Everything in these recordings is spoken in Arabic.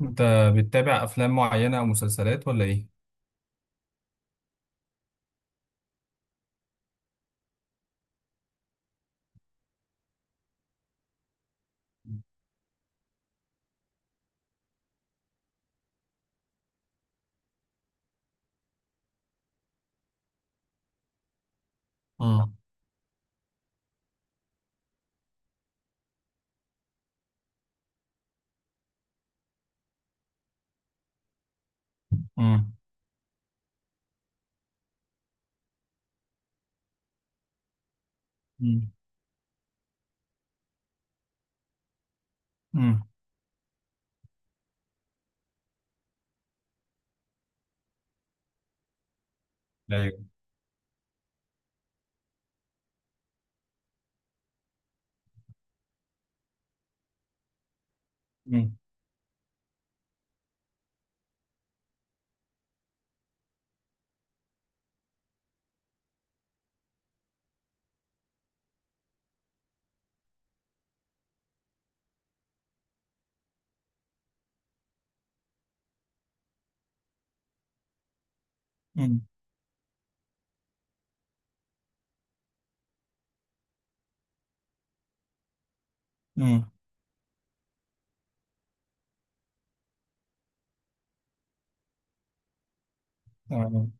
انت بتتابع افلام معينه او مسلسلات ولا ايه؟ امم. امم. امم. امم. ايوه. امم. امم. امم. تمام.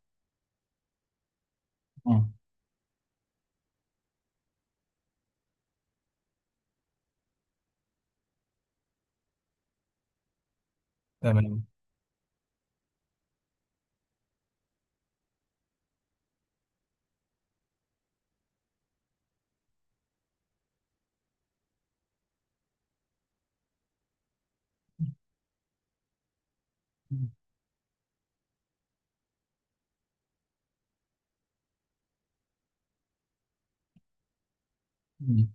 امم. تمام. أمم.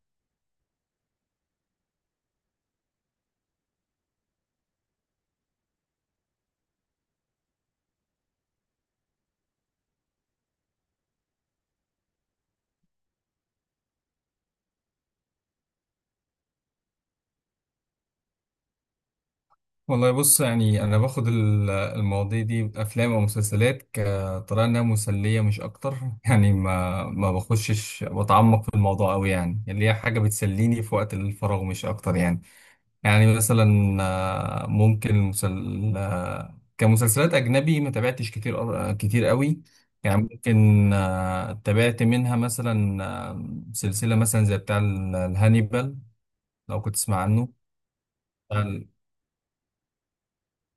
والله، بص يعني انا باخد المواضيع دي افلام او مسلسلات كطريقه انها مسليه مش اكتر. يعني ما بخشش بتعمق في الموضوع قوي، يعني اللي هي حاجه بتسليني في وقت الفراغ مش اكتر يعني. يعني مثلا ممكن مسل... آه، كمسلسلات أجنبي ما تابعتش كتير، كتير قوي. يعني ممكن تابعت منها مثلا سلسلة مثلا زي بتاع الهانيبال، لو كنت تسمع عنه. بتاع ال-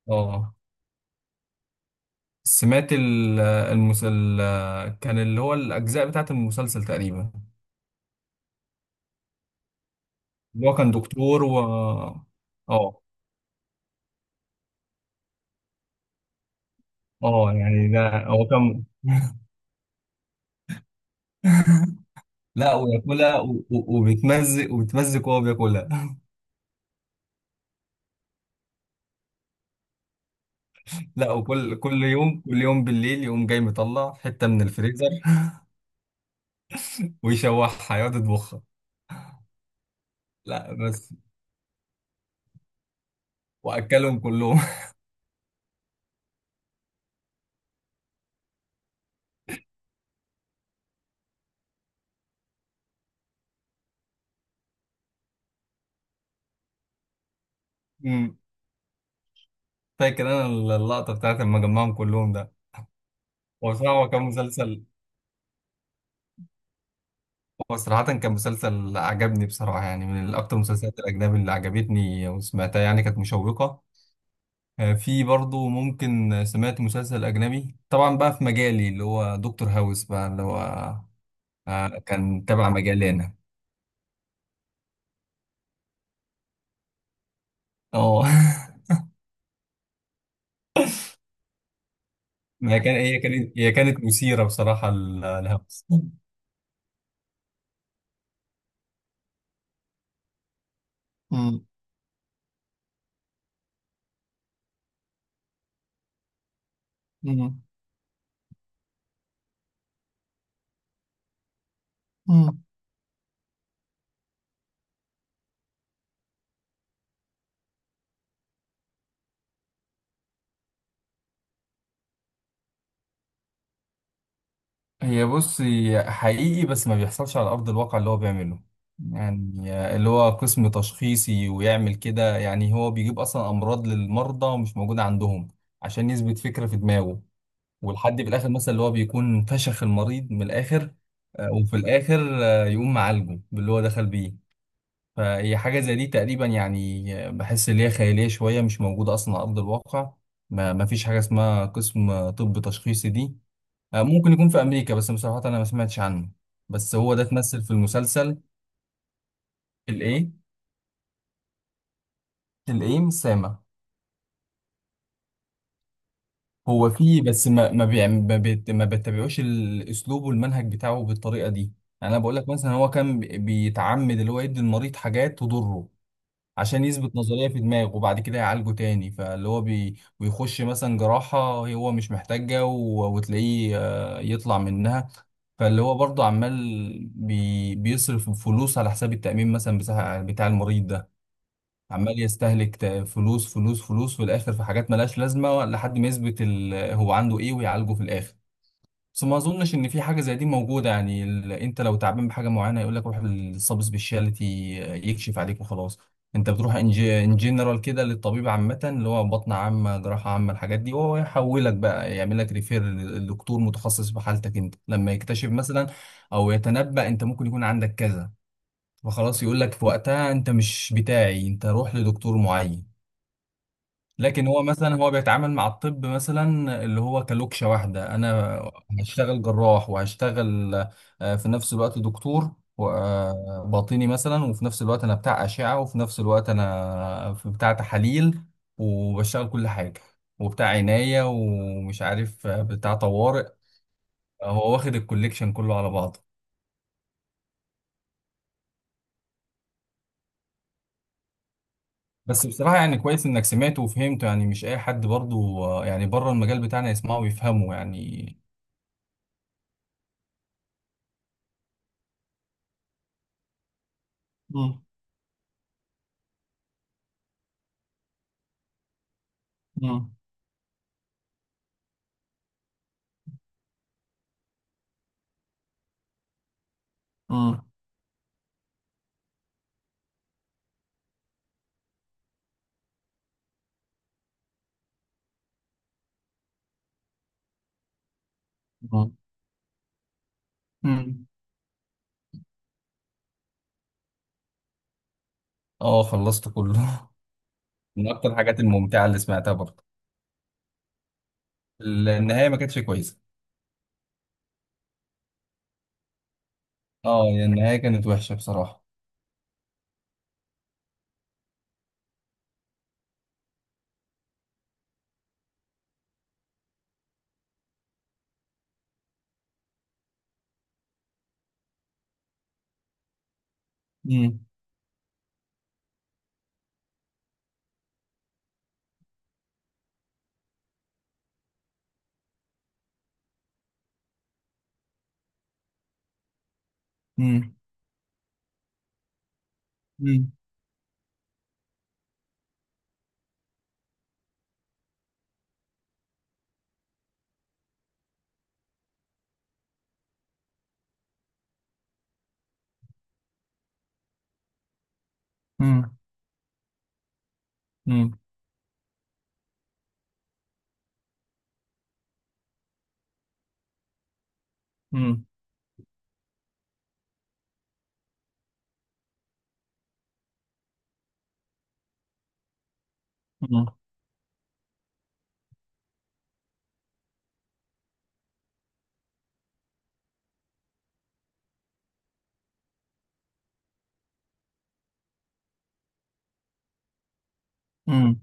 اه سمعت ال- آه، المسل آه، كان اللي هو الأجزاء بتاعت المسلسل تقريبا. اللي هو كان دكتور و اه يعني ده هو كان. لا، وياكلها وبيتمزق وبيتمزق وهو بياكلها. لا، وكل يوم كل يوم بالليل يقوم جاي مطلع حتة من الفريزر. ويشوحها يقعد يطبخها. لا بس وأكلهم كلهم. أمم، فاكر أنا اللقطة بتاعت لما جمعهم كلهم ده. هو صراحة هو كان مسلسل هو صراحة كان مسلسل عجبني بصراحة، يعني من أكتر المسلسلات الأجنبي اللي عجبتني وسمعتها، يعني كانت مشوقة. في برضه ممكن. سمعت مسلسل أجنبي طبعا بقى في مجالي، اللي هو دكتور هاوس، بقى اللي هو كان تبع مجالي أنا. اه. هي كانت مثيرة بصراحة الهمس. مم. مم. مم. بص هي حقيقي بس ما بيحصلش على أرض الواقع اللي هو بيعمله. يعني اللي هو قسم تشخيصي ويعمل كده، يعني هو بيجيب أصلا أمراض للمرضى مش موجودة عندهم عشان يثبت فكرة في دماغه. والحد في الآخر مثلا اللي هو بيكون فشخ المريض من الآخر. وفي الآخر يقوم معالجه باللي هو دخل بيه. فهي حاجة زي دي تقريبا، يعني بحس ان هي خيالية شوية مش موجودة أصلا على أرض الواقع. ما فيش حاجة اسمها قسم طب تشخيصي دي. ممكن يكون في أمريكا، بس بصراحة أنا ما سمعتش عنه. بس هو ده اتمثل في المسلسل. الإيه؟ الإيه سامع؟ هو فيه، بس ما بيتبعوش الأسلوب والمنهج بتاعه بالطريقة دي. يعني أنا بقول لك مثلا هو كان بيتعمد اللي هو يدي المريض حاجات تضره عشان يثبت نظرية في دماغه وبعد كده يعالجه تاني، فاللي هو بيخش مثلا جراحة هو مش محتاجها وتلاقيه يطلع منها. فاللي هو برضه عمال بيصرف فلوس على حساب التأمين مثلا بتاع بتاع المريض ده. عمال يستهلك فلوس فلوس فلوس في الآخر في حاجات ملهاش لازمة لحد ما يثبت هو عنده إيه ويعالجه في الآخر. بس ما اظنش ان في حاجه زي دي موجوده، يعني انت لو تعبان بحاجه معينه يقول لك روح سبيشاليتي يكشف عليك وخلاص. انت بتروح إن جنرال كده للطبيب عامه، اللي هو بطن عامه جراحه عامه الحاجات دي، وهو يحولك بقى يعمل لك ريفير لدكتور متخصص في حالتك انت لما يكتشف مثلا او يتنبأ انت ممكن يكون عندك كذا، فخلاص يقول لك في وقتها انت مش بتاعي، انت روح لدكتور معين. لكن هو مثلا هو بيتعامل مع الطب مثلا اللي هو كلوكشة واحدة: انا هشتغل جراح وهشتغل في نفس الوقت دكتور باطني مثلا، وفي نفس الوقت انا بتاع أشعة، وفي نفس الوقت انا في بتاع تحاليل وبشتغل كل حاجة وبتاع عناية ومش عارف بتاع طوارئ. هو واخد الكوليكشن كله على بعضه. بس بصراحة يعني كويس انك سمعته وفهمته، يعني مش اي حد برضو يعني بره المجال بتاعنا يسمعه ويفهمه يعني. مم. مم. اه. امم. خلصته كله. من اكتر الحاجات الممتعه اللي سمعتها برضه. النهايه ما كانتش كويسه. اه، يعني النهايه كانت وحشه بصراحه. امم. امم. امم. امم. امم. امم. امم.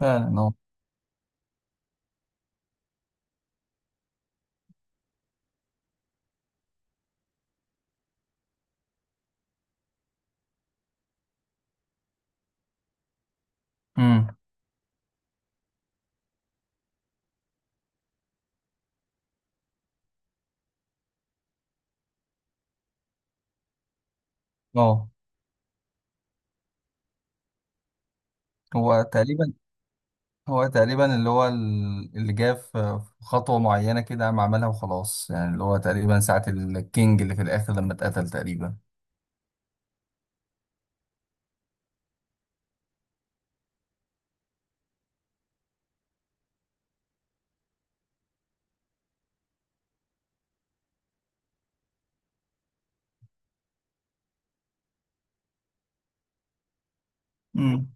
فعلا. اه. امم. اه. هو تقريبا هو تقريبا اللي هو اللي جه في خطوه معينه كده قام عملها وخلاص، يعني اللي هو تقريبا ساعه الكينج اللي في الاخر لما اتقتل تقريبا. امم.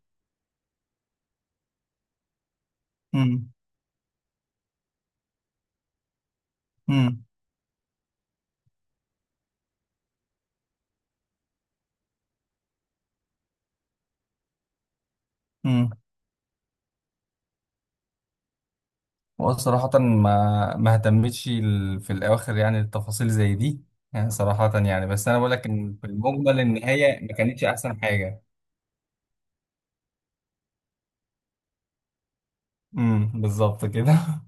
امم. هو صراحة ما اهتمتش في الأواخر يعني التفاصيل زي دي. يعني صراحة يعني، بس أنا بقول لك إن في المجمل النهاية ما كانتش أحسن حاجة. امم، بالظبط كده.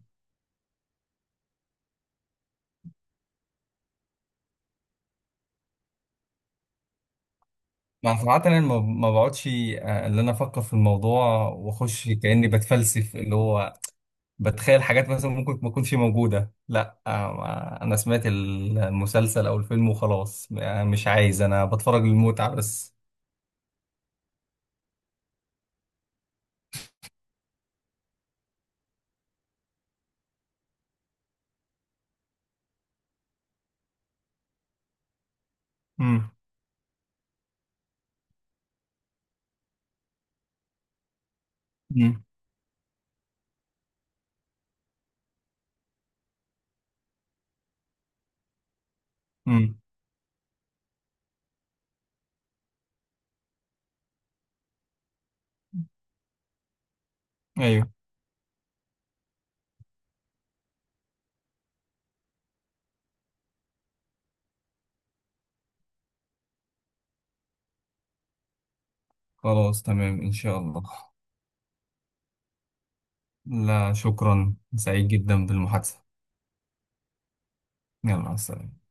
مع صراحة أنا ما بقعدش اللي أنا أفكر في الموضوع وأخش كأني بتفلسف اللي هو بتخيل حاجات مثلا ممكن ما تكونش موجودة. لا، أنا سمعت المسلسل أو الفيلم وخلاص، يعني مش عايز، أنا بتفرج للمتعة بس. امم. امم. امم. ايوه. خلاص تمام إن شاء الله. لا شكرا، سعيد جدا بالمحادثة. يلا مع السلامة.